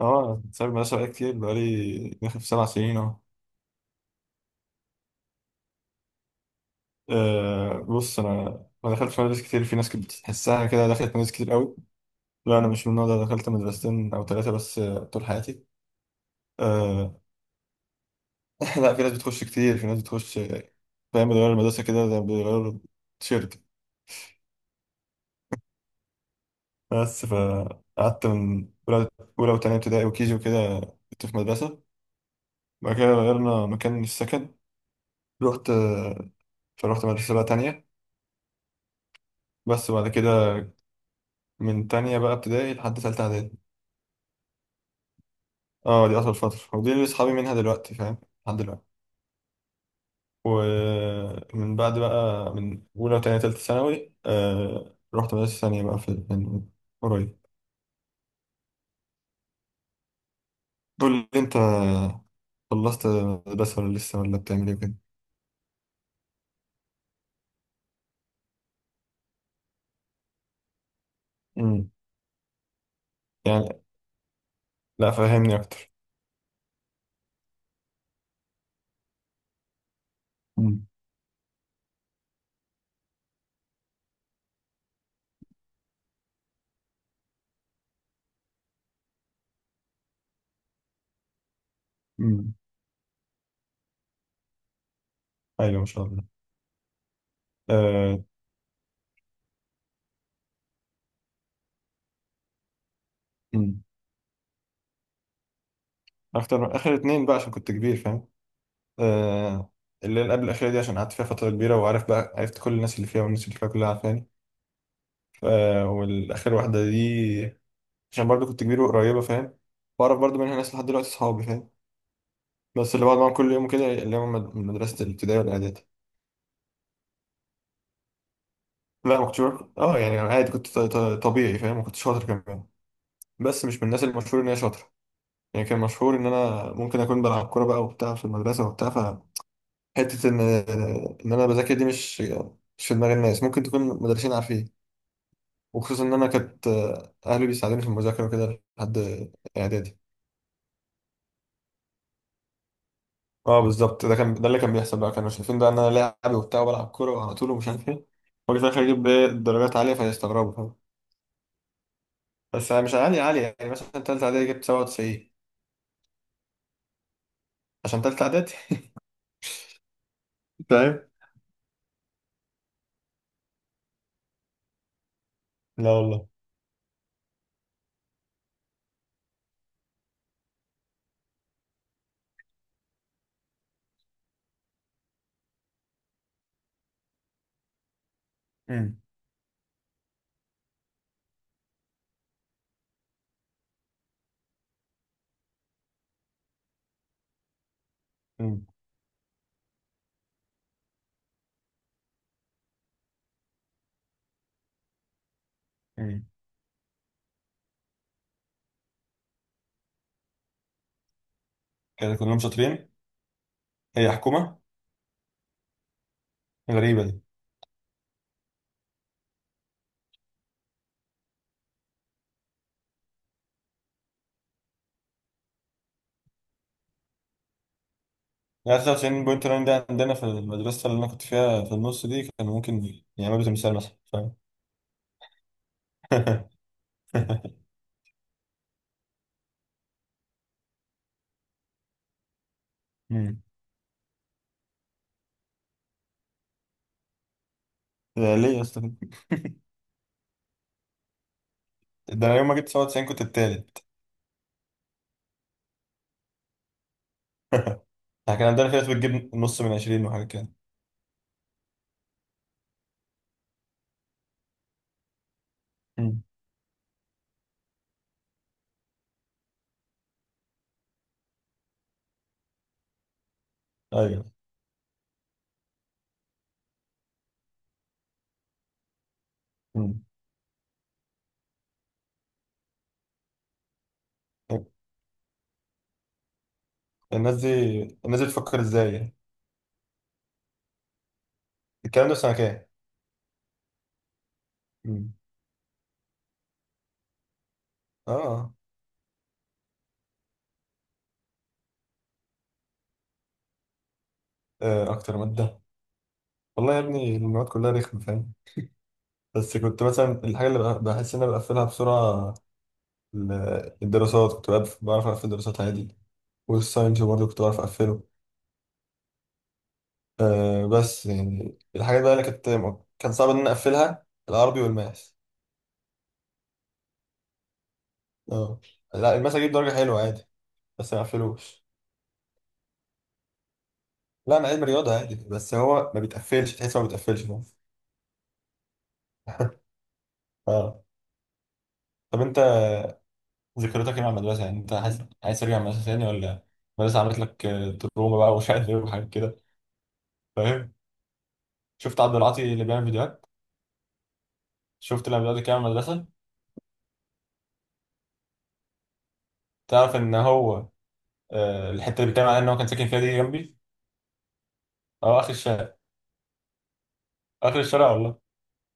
اه، سايب المدرسة بقالي كتير، بقالي داخل في سبع سنين اهو. بص انا ما دخلتش مدارس كتير. في ناس كنت بتحسها كده، دخلت مدارس كتير قوي. لا، انا مش من النوع ده، دخلت مدرستين او ثلاثة بس، طول حياتي. آه، لا، في ناس بتخش كتير، في ناس بتخش فاهم، بيغيروا المدرسة كده، ده بيغيروا التيشيرت. بس فقعدت من أولى، أولى وتانية ابتدائي وكيجي وكده كنت في مدرسة. بعد كده غيرنا مكان السكن، رحت آه، فروحت مدرسة بقى تانية. بس وبعد كده من تانية بقى ابتدائي لحد تالتة إعدادي. اه، دي أطول فترة ودي اللي صحابي منها دلوقتي، فاهم؟ لحد دلوقتي. ومن بعد بقى من أولى وتانية تالتة ثانوي، رحت مدرسة ثانية بقى في من قريب. قول لي أنت، خلصت مدرسة ولا لسه، ولا بتعمل إيه كده؟ امم. يعني لا، فهمني أكتر. امم. امم. أيوة ما شاء الله. آه. امم. أكتر آخر اتنين بقى عشان كنت كبير، فاهم؟ آه الليلة قبل الأخيرة دي عشان قعدت فيها فترة كبيرة وعارف بقى، عرفت كل الناس اللي فيها والناس اللي فيها كلها عارفاني. والاخر واحده دي عشان برضو كنت كبير وقريبه، فاهم؟ واعرف برضو منها ناس لحد دلوقتي صحابي، فاهم؟ بس اللي بقعد معاهم كل يوم كده اللي هم من مدرسه الابتدائي والاعدادي. لا، ما كنتش يعني عادي، كنت طبيعي، فاهم؟ ما كنتش شاطر كمان. بس مش من الناس المشهور ان هي شاطره. يعني كان مشهور ان انا ممكن اكون بلعب كوره بقى وبتاع في المدرسه وبتاع فحته، ان ان انا بذاكر دي، مش في دماغ الناس، ممكن تكون مدرسين عارفين. وخصوصا ان انا كانت اهلي بيساعدوني في المذاكره وكده لحد اعدادي. اه بالظبط، ده كان ده اللي كان بيحصل بقى. كانوا شايفين بقى ان انا لاعب وبتاع وبلعب كوره على طول ومش عارف ايه، واجي في الاخر اجيب ايه درجات عاليه فيستغربوا، فاهم؟ بس أنا مش عاليه عاليه، يعني مثلا ثالثه اعدادي جبت 97 عشان ثالثه اعدادي، فاهم؟ لا والله. امم. امم. امم. كانوا كلهم شاطرين. هي حكومه؟ غريبه دي. يعني 99.9 ده عندنا في المدرسه اللي انا كنت فيها في النص دي، كانوا ممكن يعملوا تمثال مثلا، فاهم؟ امم. ده ليه يا اسطى كده؟ ده انا يوم ما جبت 97 كنت التالت. احنا كان عندنا في ناس بتجيب نص من عشرين وحاجة كده. مم. ايوه. مم. الناس دي الناس دي بتفكر ازاي يعني؟ الكلام ده في سنة كام؟ مم. اه. اكتر مادة، والله يا ابني المواد كلها رخمة، فاهم؟ بس كنت مثلا الحاجة اللي بحس ان انا بقفلها بسرعة. الدراسات كنت بعرف اقفل الدراسات عادي. والساينس برضه كنت بعرف اقفله. بس يعني الحاجات بقى اللي كانت، كان صعب ان انا اقفلها، العربي والماس. اه، لا الماس اجيب درجة حلوة عادي بس ما اقفلوش. لا انا علم رياضه عادي، بس هو ما بيتقفلش، تحس ما بيتقفلش، فاهم؟ اه. طب انت ذكرياتك ايه مع المدرسه؟ يعني انت عايز ترجع المدرسه تاني، ولا المدرسه عملت لك تروما بقى ومش عارف ايه وحاجات كده، فاهم؟ شفت عبد العاطي اللي بيعمل فيديوهات؟ شفت لما بدات كده المدرسه؟ تعرف ان هو الحته اللي بيتكلم عليها ان هو كان ساكن فيها دي جنبي. اه، اخر الشارع. اخر الشارع والله.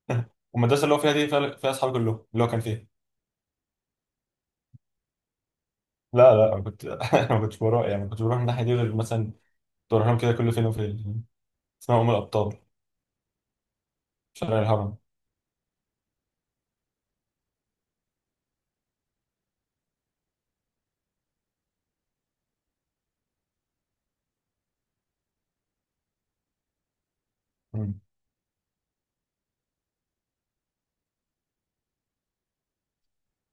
والمدرسه اللي هو فيها دي، فيها اصحابي كلهم اللي هو كان فيها. لا لا، انا كنت انا ما كنتش بروح، يعني ما كنتش بروح من الناحيه دي غير مثلا كنت بروح لهم كده كل فين وفين. اسمها ام الابطال. شارع الهرم. مم.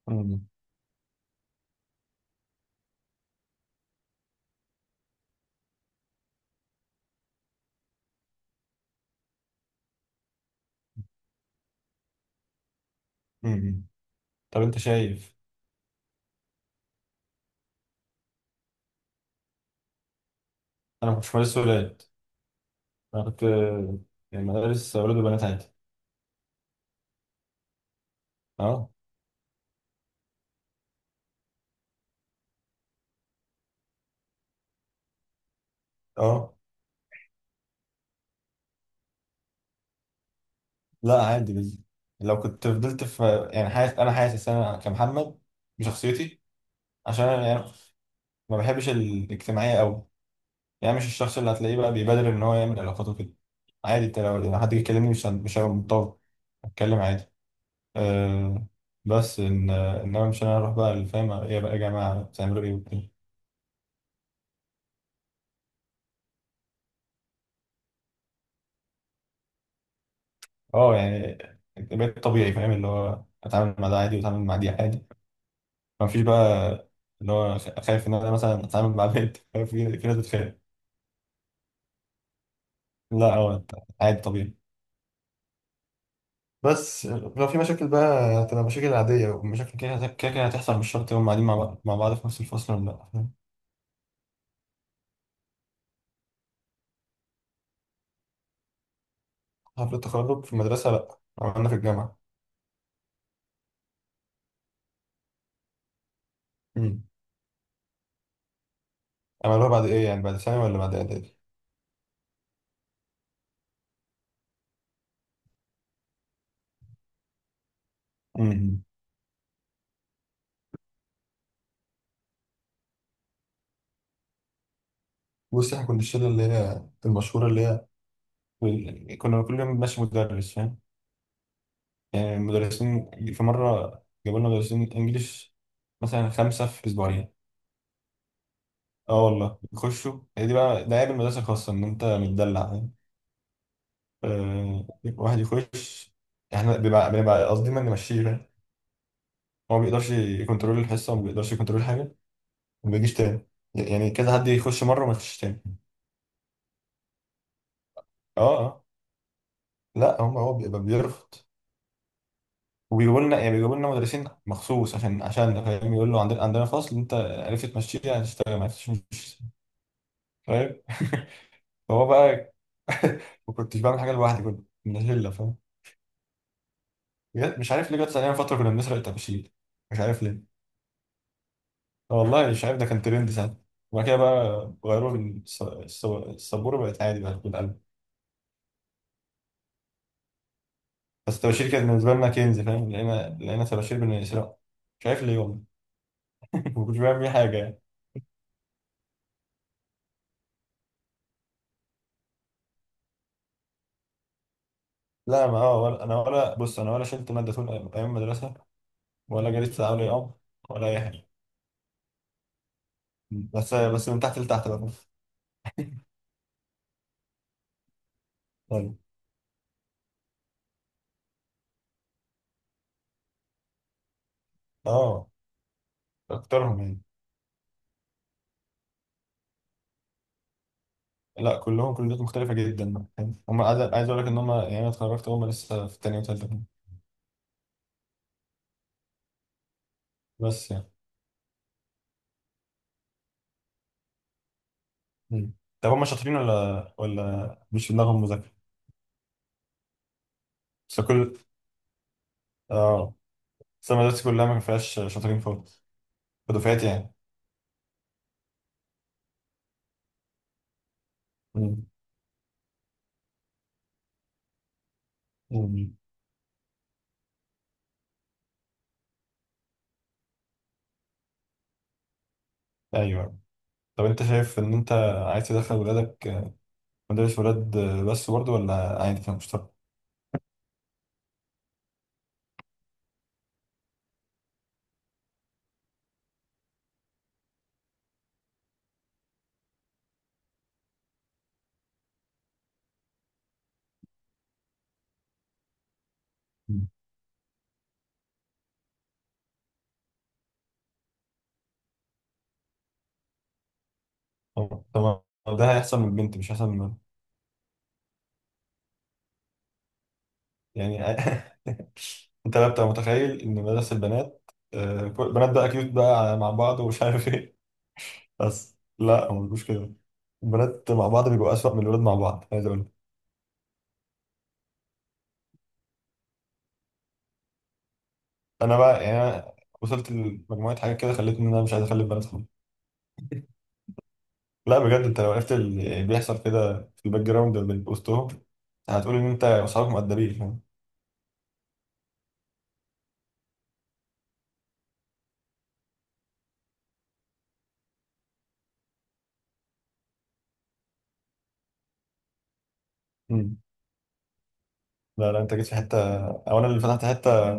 مم. مم. طب انت شايف، انا ما كنتش مدرسة ولاد. انا كنت يعني مدارس ولاد وبنات عادي. اه. اه، لا عادي لو كنت فضلت في، يعني حاسس انا كمحمد بشخصيتي. عشان انا يعني ما بحبش الاجتماعية قوي، يعني مش الشخص اللي هتلاقيه بقى بيبادر ان هو يعمل علاقات وكده. عادي انت، لو حد جه يكلمني، مش مش هبقى متطور، اتكلم عادي. أه بس ان انما مش انا اروح بقى اللي فاهم ايه بقى يا جماعه، بتعملوا ايه وكده. اه يعني بقيت طبيعي، فاهم؟ اللي هو اتعامل مع ده عادي واتعامل مع دي عادي، ما فيش بقى اللي هو خايف ان انا مثلا اتعامل مع بنت. خايف، في ناس بتخاف. لا، هو عادي طبيعي. بس لو في مشاكل بقى، هتبقى مشاكل عادية، ومشاكل كده كده كده هتحصل، مش شرط يوم قاعدين مع بعض في نفس الفصل ولا لا، فاهم؟ حفلة التخرج في المدرسة لا، عملنا في الجامعة. امم. عملوها بعد ايه، يعني بعد ثانوي ولا بعد اعدادي؟ امم. بص احنا كنا الشلة اللي هي المشهورة، اللي هي كنا كل يوم ماشي مدرس، فاهم؟ يعني مدرسين، في مرة جابوا لنا مدرسين انجليش، مثلا خمسة في اسبوعين. اه والله يخشوا، هي دي بقى ده عيب المدرسة الخاصة ان انت متدلع، فاهم؟ آه، واحد يخش، احنا بنبقى قصدنا نمشيه، فاهم؟ هو ما بيقدرش يكنترول الحصة وما بيقدرش يكنترول حاجة وما بيجيش تاني. يعني كذا حد يخش مرة وما يخشش تاني. اه اه، لا هو بيبقى بيرفض، وبيجيبوا لنا، يعني بيجيبوا لنا مدرسين مخصوص عشان فاهم يقول له، عندنا فصل انت عرفت تمشيه، هتشتغل، ما عرفتش، مش فاهم، هو بقى. ما كنتش بعمل حاجه لوحدي، كنت من الهله، فاهم؟ مش عارف ليه جت ثانيه فتره كنا بنسرق الطباشير، مش عارف ليه. والله مش عارف، ده كان ترند ساعتها. وبعد كده بقى غيروا السبوره، بقت عادي، بقت بالقلب. بس الطباشير كانت بالنسبه لنا كنز، فاهم؟ لقينا طباشير بنسرقه، مش عارف ليه والله. ما كنتش بعمل بيه حاجه يعني. لا ما هو، ولا انا ولا، بص انا ولا شلت ماده طول أيام المدرسه، ولا جريت ساعه ولا يوم، ولا اي حاجه، بس من تحت لتحت بقى. طيب. اه، اكترهم يعني. لا كلهم كليات مختلفة جدا، فاهم؟ هم، عايز اقول لك ان هم يعني انا اتخرجت، هم لسه في تانية وتالتة كمان. بس يعني. مم. طب هم شاطرين، ولا مش في دماغهم مذاكرة؟ بس كل اه بس أنا مدرستي كلها ما فيهاش شاطرين خالص، بدفعتي يعني. مم. مم. ايوه. طب انت شايف، ان انت عايز تدخل ولادك مدارس ولاد بس برضه، ولا عادي كان مشترك؟ مم. طب طب ده هيحصل من البنت مش هيحصل. يعني انت بقى بتبقى متخيل ان مدرسة البنات البنات بقى كيوت بقى مع بعض ومش عارف ايه. بس لا هو مش كده. البنات مع بعض بيبقوا اسوأ من الولاد مع بعض، عايز اقول لك. انا بقى يعني، انا وصلت لمجموعة حاجات كده خلتني ان انا مش عايز اخلي البنات خالص. لا بجد انت لو عرفت اللي بيحصل كده في الباك جراوند من وسطهم، هتقول ان انت واصحابك مؤدبين، فاهم؟ مم. لا لا، انت جيت في حتة، او انا اللي فتحت حتة.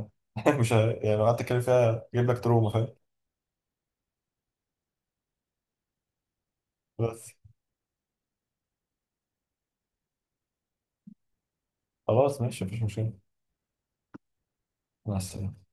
مش ه- يعني لو قعدت اتكلم فيها جايب لك تروما، فاهم؟ بس خلاص ماشي، مفيش مشكلة. مع السلامة.